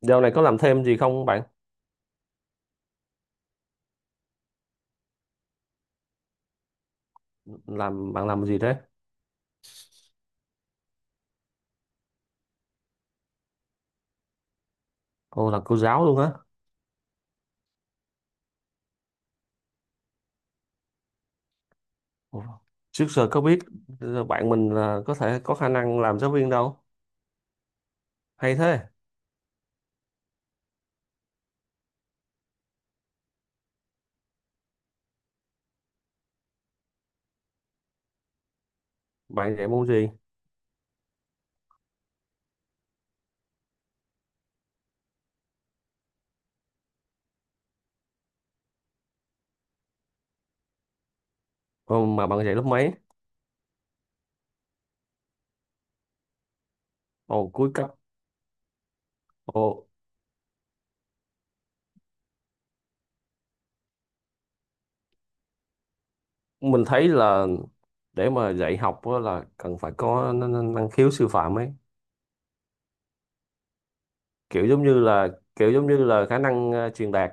Dạo này có làm thêm gì không bạn? Làm bạn làm gì thế? Ồ là cô giáo luôn á. Ồ, trước giờ có biết bạn mình là có thể có khả năng làm giáo viên đâu. Hay thế. Bạn dạy môn gì? Ồ, mà bạn dạy lớp mấy? Ồ cuối cấp. Ồ, mình thấy là để mà dạy học á là cần phải có năng khiếu sư phạm ấy. Kiểu giống như là kiểu giống như là khả năng truyền đạt.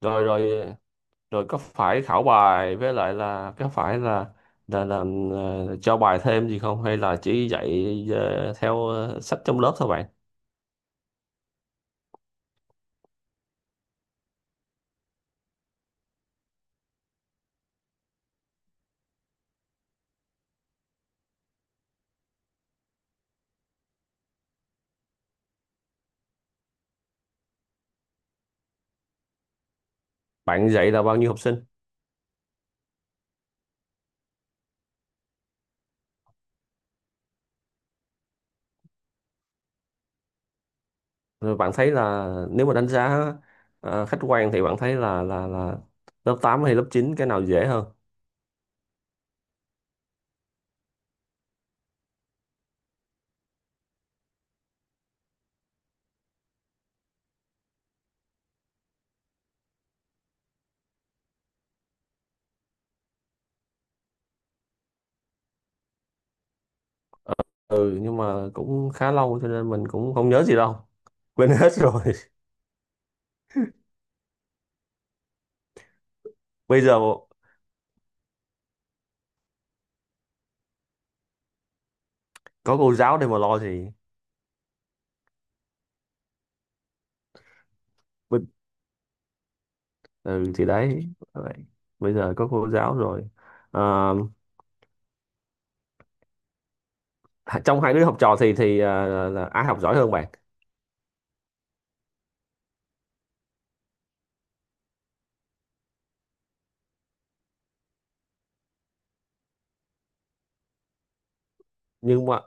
Rồi rồi, rồi có phải khảo bài với lại là có phải là là cho bài thêm gì không hay là chỉ dạy theo sách trong lớp thôi bạn? Bạn dạy là bao nhiêu học sinh? Rồi bạn thấy là nếu mà đánh giá khách quan thì bạn thấy là là lớp 8 hay lớp 9 cái nào dễ hơn? Ừ nhưng mà cũng khá lâu cho nên mình cũng không nhớ gì đâu, quên hết rồi. Bây giờ có cô giáo để mà lo gì. Bình- ừ thì đấy vậy. Bây giờ có cô giáo rồi. Ờ, trong hai đứa học trò thì à, là ai học giỏi hơn bạn? Nhưng mà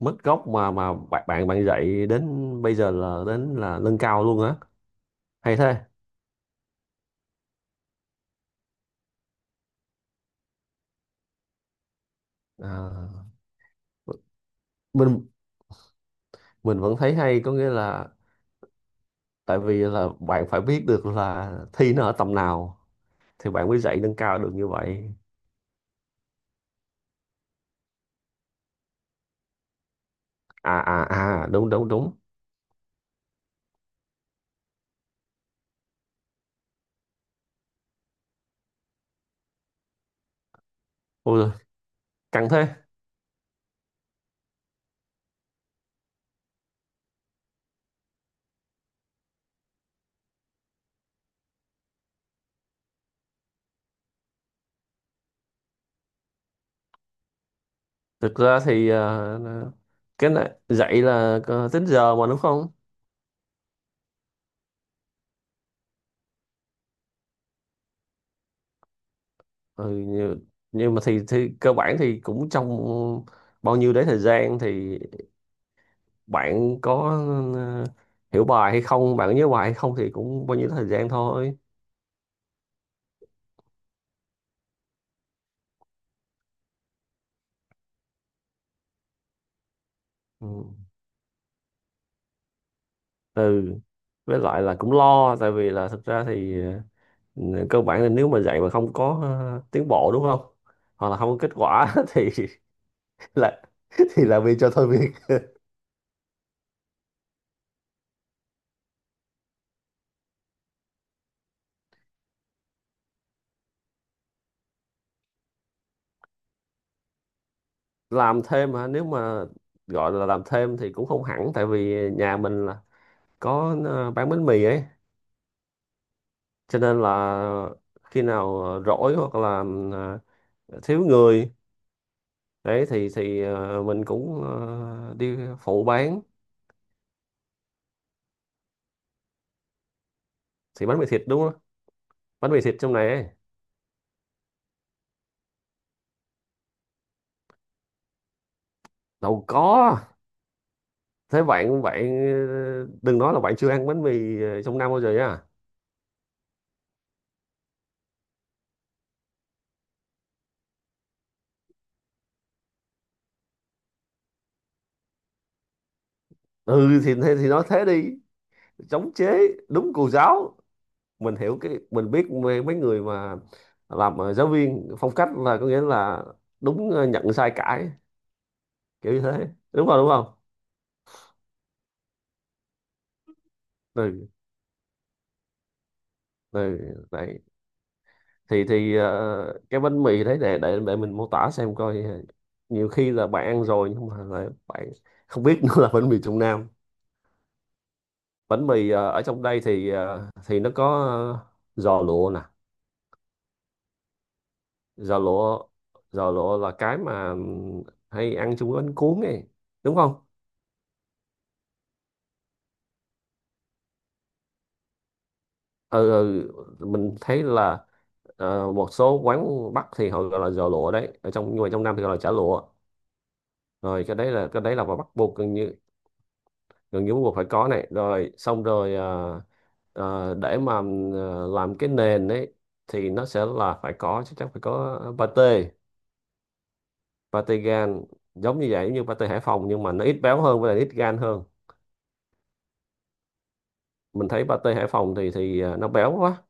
mức gốc mà bạn bạn bạn dạy đến bây giờ là đến là nâng cao luôn á, hay thế. À, mình mình vẫn thấy hay, có nghĩa là tại vì là bạn phải biết được là thi nó ở tầm nào thì bạn mới dạy nâng cao được như vậy. À à à, đúng đúng đúng. Ôi giời, căng thế. Thực ra thì à, cái này dạy là có tính giờ mà đúng không? Ừ, nhưng mà thì cơ bản thì cũng trong bao nhiêu đấy thời gian thì bạn có ờ, hiểu bài hay không, bạn có nhớ bài hay không thì cũng bao nhiêu thời gian thôi. Ừ. Ừ, với lại là cũng lo tại vì là thực ra thì ờ, cơ bản là nếu mà dạy mà không có tiến bộ đúng không, hoặc là không có kết quả là thì là vì cho thôi việc. Làm thêm hả, nếu mà gọi là làm thêm thì cũng không hẳn, tại vì nhà mình là có bán bánh mì ấy, cho nên là khi nào rỗi hoặc là ờ, thiếu người đấy thì mình cũng đi phụ bán. Thì bánh mì thịt đúng không, bánh mì thịt trong này ấy. Đâu có, thế bạn bạn đừng nói là bạn chưa ăn bánh mì trong năm bao giờ nha. Ừ thì thế thì nói thế đi, chống chế. Đúng cô giáo. Mình hiểu, cái mình biết mấy mấy người mà làm giáo viên phong cách là có nghĩa là đúng, nhận sai cãi, kiểu như thế, đúng không đúng không. Ừ. Ừ, đấy thì cái bánh mì đấy để mình mô tả xem coi, nhiều khi là bạn ăn rồi nhưng mà lại bạn không biết nó là bánh mì Trung Nam. Bánh mì ở trong đây thì thì nó có ờ, giò lụa nè, giò lụa. Giò lụa là cái mà hay ăn chung với bánh cuốn ấy, đúng không? Ừ, ừ, mình thấy là một số quán Bắc thì họ gọi là giò lụa đấy ở trong, nhưng mà trong Nam thì gọi là chả lụa. Rồi cái đấy là vào Bắc buộc gần như, gần như bắt buộc phải có này. Rồi xong rồi để mà làm cái nền ấy thì nó sẽ là phải có, chắc chắn phải có pate, pate gan giống như vậy, như pate Hải Phòng nhưng mà nó ít béo hơn với lại ít gan hơn. Mình thấy pate Hải Phòng thì nó béo quá,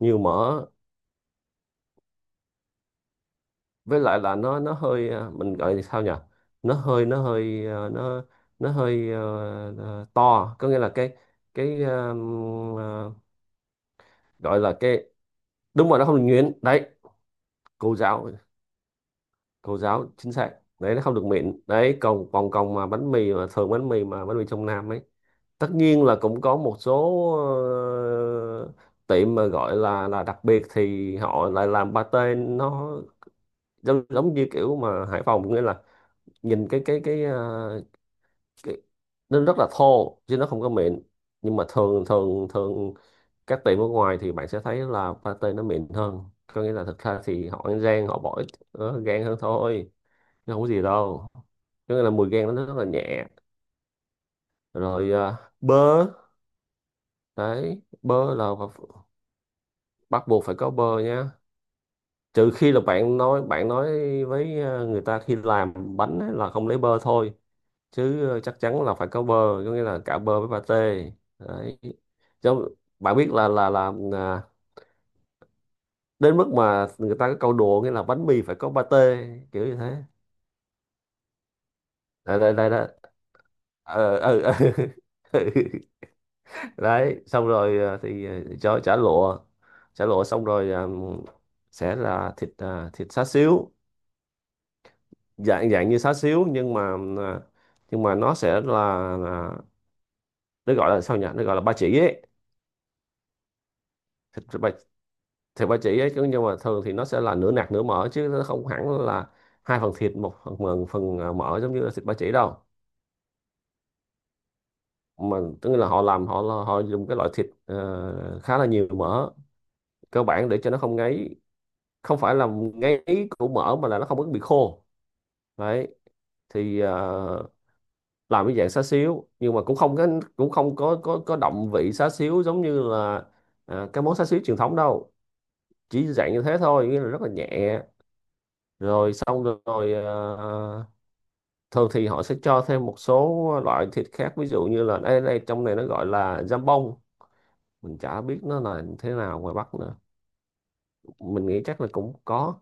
nhiều mỡ. Với lại là nó hơi mình gọi là sao nhỉ, nó hơi nó hơi to, có nghĩa là cái ờ, gọi là cái. Đúng rồi, nó không được nhuyễn đấy. Cô giáo, cô giáo chính xác, đấy nó không được mịn đấy. Còn còn còn mà bánh mì mà thường bánh mì mà bánh mì trong Nam ấy, tất nhiên là cũng có một số tiệm mà gọi là đặc biệt thì họ lại làm pate nó giống như kiểu mà Hải Phòng, nghĩa là nhìn cái cái, nó rất là thô chứ nó không có mịn. Nhưng mà thường thường thường các tiệm ở ngoài thì bạn sẽ thấy là pate nó mịn hơn, có nghĩa là thực ra thì họ ăn rang họ bỏ ít gan hơn thôi, nó không có gì đâu. Cái này là mùi gan nó rất là nhẹ. Rồi à, bơ. Đấy bơ là bắt buộc phải có bơ nha, trừ khi là bạn nói với à, người ta khi làm bánh ấy là không lấy bơ thôi, chứ à, chắc chắn là phải có bơ, có nghĩa là cả bơ với pate. Đấy, chứ bạn biết là à, đến mức mà người ta có câu đùa nghĩa là bánh mì phải có pate, kiểu như thế. Đây đây đây đó. Ờ ờ ờ. Đấy xong rồi thì cho chả lụa, chả lụa. Xong rồi sẽ là thịt thịt xá xíu, dạng dạng như xá xíu nhưng mà ờ, nhưng mà nó sẽ là nó gọi là sao nhỉ, nó gọi là ba chỉ ấy. thịt ba Thịt ba chỉ ấy chứ, nhưng mà thường thì nó sẽ là nửa nạc nửa mỡ chứ nó không hẳn là hai phần thịt một phần phần mỡ giống như là thịt ba chỉ đâu. Mà tức là họ làm họ họ dùng cái loại thịt khá là nhiều mỡ, cơ bản để cho nó không ngấy. Không phải là ngáy của mỡ mà là nó không có bị khô, đấy. Thì làm cái dạng xá xíu nhưng mà cũng không có, cũng không có động vị xá xíu giống như là à, cái món xá xíu truyền thống đâu, chỉ dạng như thế thôi, nghĩa là rất là nhẹ. Rồi xong rồi, rồi thường thì họ sẽ cho thêm một số loại thịt khác, ví dụ như là đây đây, trong này nó gọi là jambon, mình chả biết nó là thế nào ngoài Bắc nữa. Mình nghĩ chắc là cũng có.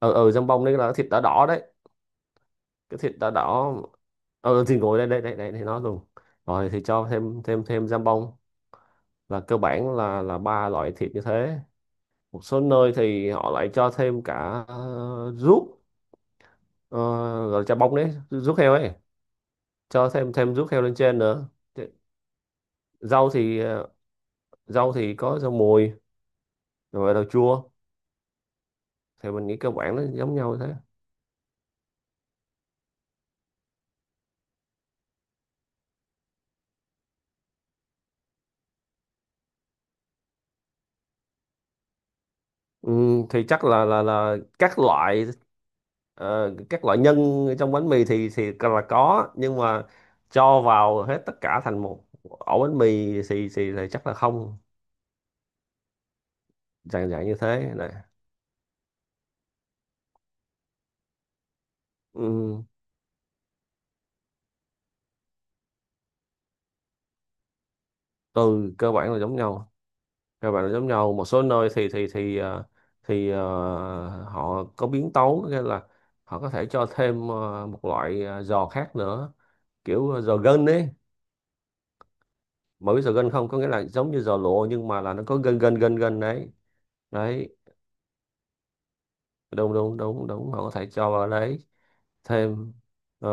Ừ ừ, jambon đây là thịt đỏ đỏ đấy, cái thịt đỏ đỏ. Ờ ừ, thì ngồi đây đây đây đây thì nói luôn. Rồi thì cho thêm thêm thêm giam bông, là cơ bản là ba loại thịt như thế. Một số nơi thì họ lại cho thêm cả ruốc, ờ, gọi là chả bông đấy, ruốc heo ấy, cho thêm thêm ruốc heo lên trên nữa. Thì rau thì rau thì có rau mùi, rồi rau chua, thì mình nghĩ cơ bản nó giống nhau thế. Ừ, thì chắc là các loại, ờ, các loại nhân trong bánh mì thì là có, nhưng mà cho vào hết tất cả thành một ổ bánh mì thì thì chắc là không. Dạng dạng như thế này. Ừ, từ cơ bản là giống nhau, cơ bản là giống nhau. Một số nơi thì thì họ có biến tấu, nghĩa là họ có thể cho thêm một loại giò khác nữa, kiểu giò gân ấy, mà biết giò gân không, có nghĩa là giống như giò lụa nhưng mà là nó có gân gân gân gân đấy. Đấy đúng đúng đúng đúng, họ có thể cho vào đấy thêm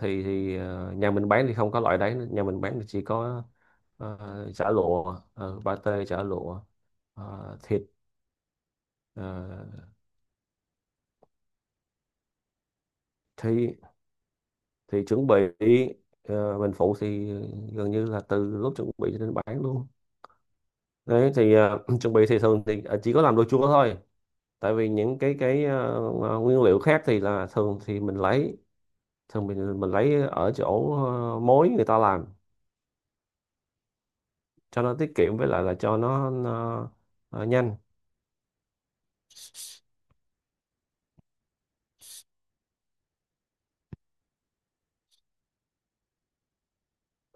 thì nhà mình bán thì không có loại đấy nữa. Nhà mình bán thì chỉ có chả lụa, pate chả lụa, thịt, ờ, thì chuẩn bị. Mình phụ thì gần như là từ lúc chuẩn bị cho đến bán luôn. Đấy thì chuẩn bị thì thường thì chỉ có làm đồ chua thôi, tại vì những cái nguyên liệu khác thì là thường thì mình lấy, thường mình lấy ở chỗ mối người ta làm, cho nó tiết kiệm với lại là cho nó nhanh.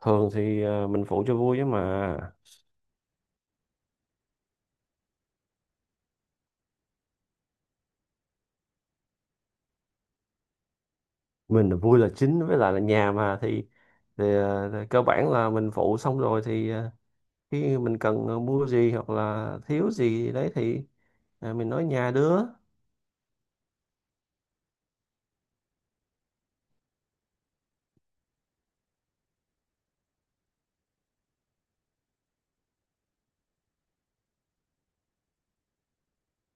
Thường thì mình phụ cho vui chứ mà, mình là vui là chính, với lại là nhà mà thì thì cơ bản là mình phụ xong rồi thì khi mình cần mua gì hoặc là thiếu gì đấy thì mình nói nhà đứa